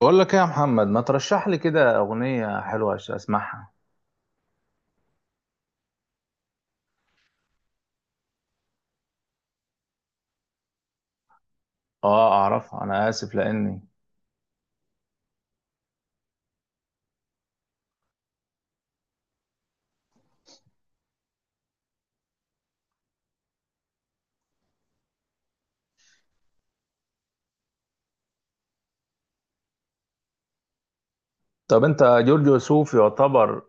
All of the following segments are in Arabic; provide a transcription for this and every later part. بقول لك ايه يا محمد، ما ترشح لي كده اغنيه حلوه عشان اسمعها؟ اه، اعرفها، انا اسف لاني. طب انت جورج وسوف يعتبر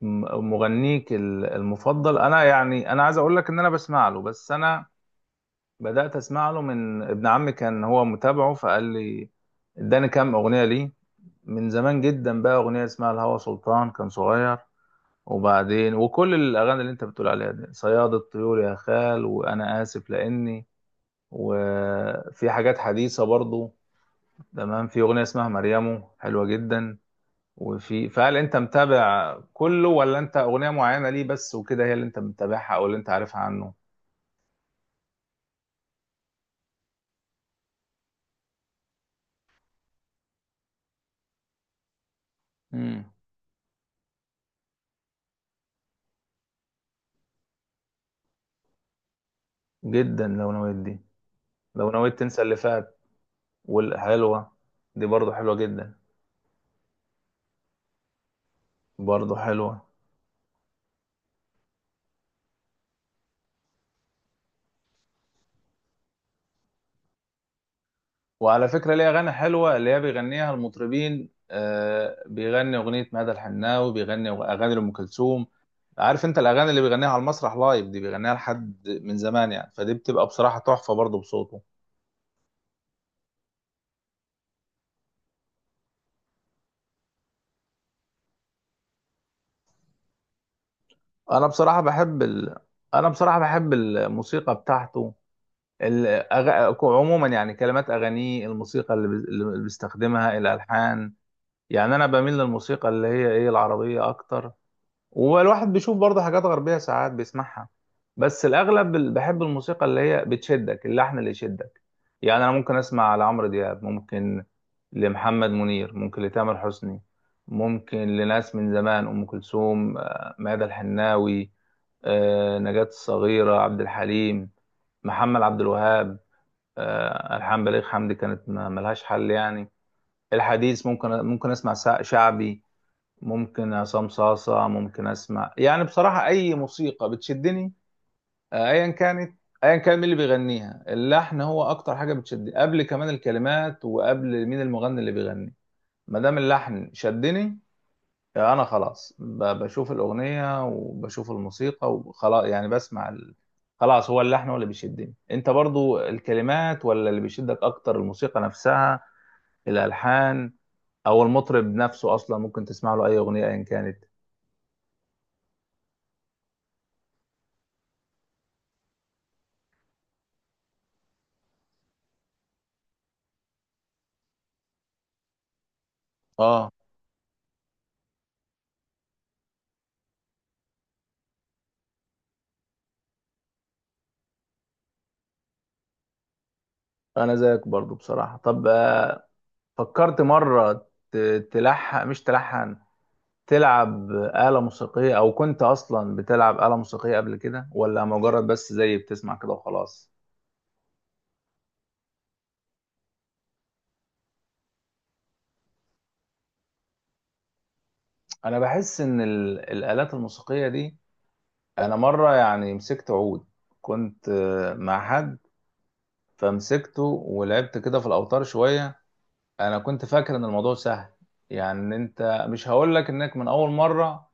مغنيك المفضل. انا يعني انا عايز اقول لك ان انا بسمع له، بس انا بدات اسمع له من ابن عمي، كان هو متابعه فقال لي، اداني كام اغنيه ليه من زمان جدا. بقى اغنيه اسمها الهوى سلطان كان صغير، وبعدين وكل الاغاني اللي انت بتقول عليها دي، صياد الطيور، يا خال، وانا اسف لاني، وفي حاجات حديثة برضو. تمام، في أغنية اسمها مريمو حلوة جدا. وفي، فهل أنت متابع كله ولا أنت أغنية معينة ليه بس وكده هي اللي أنت متابعها أو اللي أنت عارفها عنه؟ مم. جدا، لو نويت دي. لو نويت تنسى اللي فات، والحلوة، دي برضو حلوة جدا، برضو حلوة. وعلى فكرة ليه أغاني حلوة اللي هي بيغنيها المطربين، بيغني أغنية مدى الحناوي، بيغني أغاني لأم كلثوم. عارف انت الاغاني اللي بيغنيها على المسرح لايف دي بيغنيها لحد من زمان يعني، فدي بتبقى بصراحه تحفه برضه بصوته. انا بصراحه بحب ال... انا بصراحه بحب الموسيقى بتاعته. عموما يعني كلمات اغانيه، الموسيقى اللي، اللي بيستخدمها، الالحان. يعني انا بميل للموسيقى اللي هي ايه العربيه اكتر، والواحد بيشوف برضه حاجات غربية ساعات بيسمعها. بس الأغلب بحب الموسيقى اللي هي بتشدك، اللحن اللي يشدك. يعني أنا ممكن أسمع لعمرو دياب، ممكن لمحمد منير، ممكن لتامر حسني، ممكن لناس من زمان، أم كلثوم، ميادة الحناوي، نجاة الصغيرة، عبد الحليم، محمد عبد الوهاب، ألحان بليغ حمدي كانت ملهاش حل يعني. الحديث ممكن أسمع شعبي، ممكن عصام صاصة، ممكن اسمع يعني بصراحة اي موسيقى بتشدني، ايا كانت، ايا كان مين اللي بيغنيها، اللحن هو اكتر حاجة بتشدني قبل كمان الكلمات، وقبل مين المغني اللي بيغني. ما دام اللحن شدني، انا خلاص بشوف الاغنية وبشوف الموسيقى وخلاص، يعني بسمع خلاص هو اللحن هو اللي بيشدني. انت برضو الكلمات ولا اللي بيشدك اكتر، الموسيقى نفسها، الالحان، او المطرب نفسه اصلا ممكن تسمع له اي اغنية ايا كانت؟ اه، انا زيك برضو بصراحة. طب فكرت مرة تلحن؟ مش تلحن، تلعب آلة موسيقية، او كنت اصلا بتلعب آلة موسيقية قبل كده، ولا مجرد بس زي بتسمع كده وخلاص؟ انا بحس ان الآلات الموسيقية دي، انا مرة يعني مسكت عود، كنت مع حد، فمسكته ولعبت كده في الاوتار شوية. انا كنت فاكر ان الموضوع سهل، يعني إن انت، مش هقول لك انك من اول مره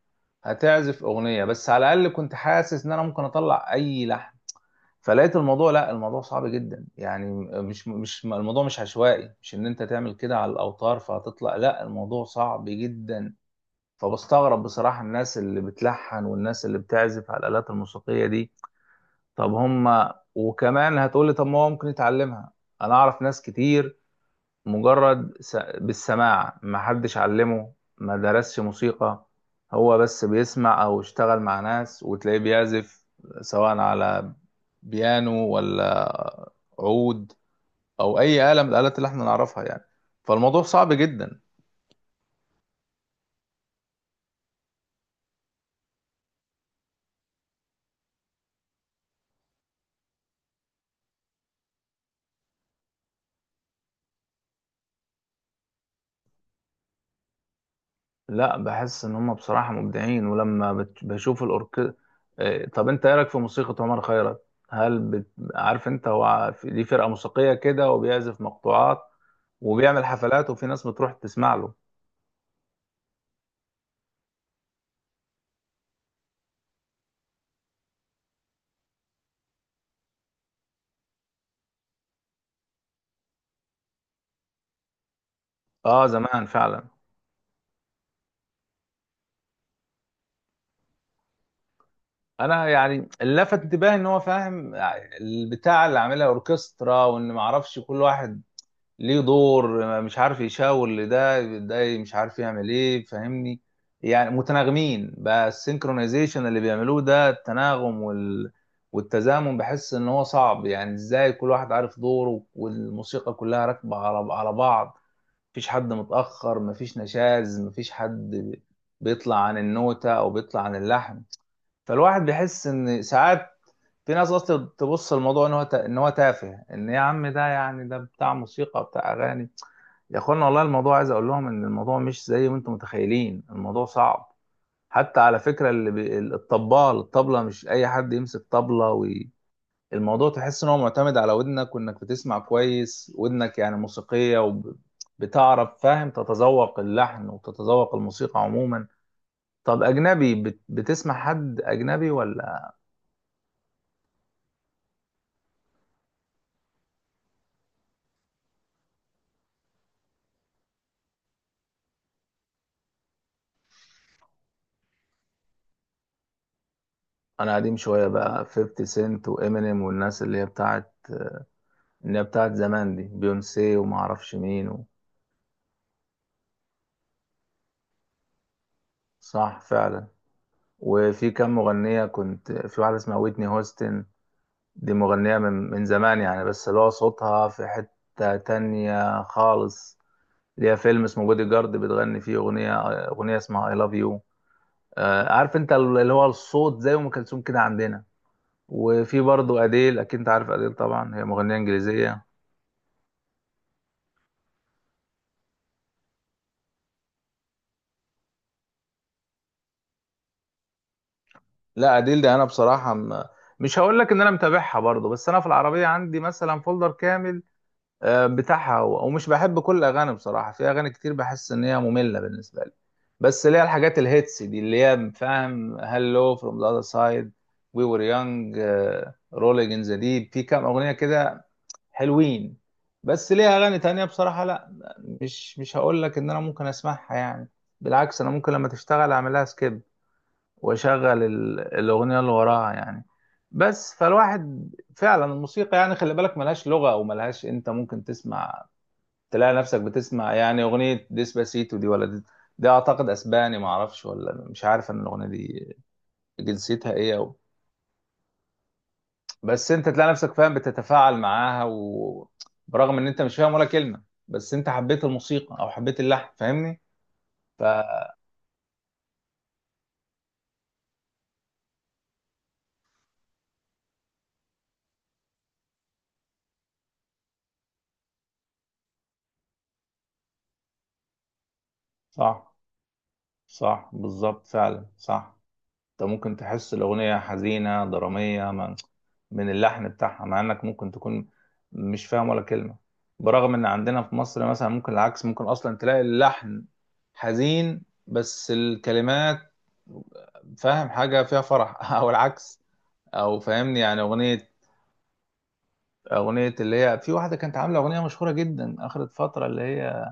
هتعزف اغنيه، بس على الاقل كنت حاسس ان انا ممكن اطلع اي لحن. فلقيت الموضوع، لا، الموضوع صعب جدا يعني، مش الموضوع مش عشوائي، مش ان انت تعمل كده على الاوتار فهتطلع، لا، الموضوع صعب جدا. فبستغرب بصراحه الناس اللي بتلحن والناس اللي بتعزف على الالات الموسيقيه دي. طب هم، وكمان هتقولي طب ما هو ممكن يتعلمها. انا اعرف ناس كتير، مجرد بالسماع، ما حدش علمه، ما درسش موسيقى، هو بس بيسمع او اشتغل مع ناس وتلاقيه بيعزف، سواء على بيانو، ولا عود، او اي آلة من الآلات اللي احنا نعرفها يعني، فالموضوع صعب جدا. لا، بحس ان هم بصراحه مبدعين، ولما بشوف الاورك، طب انت ايه رايك في موسيقى عمر خيرت؟ هل عارف انت هو ليه فرقه موسيقيه كده وبيعزف مقطوعات وبيعمل حفلات وفي ناس بتروح تسمع له؟ اه، زمان فعلا. انا يعني اللي لفت انتباهي ان هو فاهم، البتاع اللي عاملها اوركسترا، وان ما اعرفش كل واحد ليه دور، مش عارف يشاور لده، ده مش عارف يعمل ايه، فاهمني؟ يعني متناغمين بقى، السينكرونايزيشن اللي بيعملوه ده، التناغم والتزامن، بحس ان هو صعب يعني. ازاي كل واحد عارف دوره والموسيقى كلها راكبة على بعض؟ مفيش حد متأخر، مفيش نشاز، مفيش حد بيطلع عن النوتة او بيطلع عن اللحن. فالواحد بيحس ان ساعات في ناس اصلا تبص الموضوع ان هو ان هو تافه، ان يا عم ده، يعني ده بتاع موسيقى، بتاع اغاني، يا اخوانا، والله الموضوع، عايز اقول لهم ان الموضوع مش زي ما انتم متخيلين، الموضوع صعب. حتى على فكره اللي الطبال، الطبله مش اي حد يمسك طبله الموضوع تحس ان هو معتمد على ودنك، وانك بتسمع كويس، ودنك يعني موسيقيه، وبتعرف فاهم تتذوق اللحن وتتذوق الموسيقى عموما. طب اجنبي، بتسمع حد اجنبي ولا؟ انا قديم شويه بقى، 50 سنت وامينيم والناس اللي هي بتاعت، اللي هي بتاعت زمان دي، بيونسي وما اعرفش مين صح فعلا. وفي كام مغنية، كنت في واحدة اسمها ويتني هوستن، دي مغنية من زمان يعني، بس اللي هو صوتها في حتة تانية خالص. ليها فيلم اسمه بودي جارد بتغني فيه أغنية اسمها I love you، عارف انت اللي هو الصوت زي أم كلثوم كده عندنا. وفي برضه أديل، أكيد انت عارف أديل طبعا، هي مغنية إنجليزية. لا، أديل ده أنا بصراحة مش هقول لك إن أنا متابعها برضه، بس أنا في العربية عندي مثلا فولدر كامل، بتاعها هو. ومش بحب كل اغاني بصراحه، في اغاني كتير بحس ان هي ممله بالنسبه لي، بس اللي هي الحاجات الهيتس دي، اللي هي فاهم، هالو، فروم ذا اذر سايد، وي وير يونج، رولينج ان ذا ديب، في كام اغنيه كده حلوين. بس ليها اغاني تانية بصراحه لا، مش هقول لك ان انا ممكن اسمعها يعني. بالعكس انا ممكن لما تشتغل اعملها سكيب، واشغل الاغنيه اللي وراها يعني، بس فالواحد. فعلا الموسيقى يعني خلي بالك ملهاش لغة، او ملهاش، انت ممكن تسمع، تلاقي نفسك بتسمع يعني اغنيه ديسباسيتو دي، ولا دي، دي اعتقد اسباني، ما اعرفش، ولا مش عارف ان الاغنيه دي جنسيتها ايه أو. بس انت تلاقي نفسك فاهم بتتفاعل معاها، وبرغم ان انت مش فاهم ولا كلمه، بس انت حبيت الموسيقى او حبيت اللحن، فاهمني ف- صح، صح، بالظبط، فعلا صح. انت ممكن تحس الاغنيه حزينه دراميه من اللحن بتاعها، مع انك ممكن تكون مش فاهم ولا كلمه. برغم ان عندنا في مصر مثلا ممكن العكس، ممكن اصلا تلاقي اللحن حزين بس الكلمات فاهم حاجه فيها فرح او العكس، او فاهمني يعني اغنيه اللي هي في واحده كانت عامله اغنيه مشهوره جدا اخر فتره، اللي هي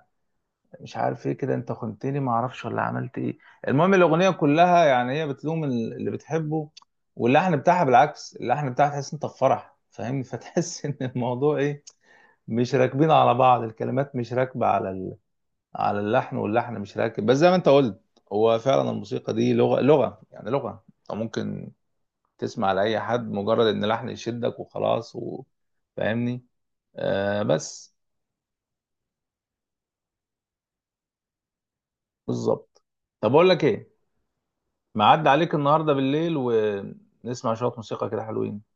مش عارف ايه كده، انت خنتني، ما اعرفش ولا عملت ايه. المهم الاغنيه كلها يعني هي بتلوم اللي بتحبه، واللحن بتاعها بالعكس، اللحن بتاعها تحس انت في فرح، فاهمني، فتحس ان الموضوع ايه، مش راكبين على بعض، الكلمات مش راكبه على اللحن، واللحن مش راكب، بس زي ما انت قلت، هو فعلا الموسيقى دي لغه يعني لغه، انت ممكن تسمع لاي حد، مجرد ان لحن يشدك وخلاص فاهمني، آه بس، بالظبط. طب اقول لك ايه، معدي عليك النهارده بالليل، ونسمع شويه موسيقى كده حلوين.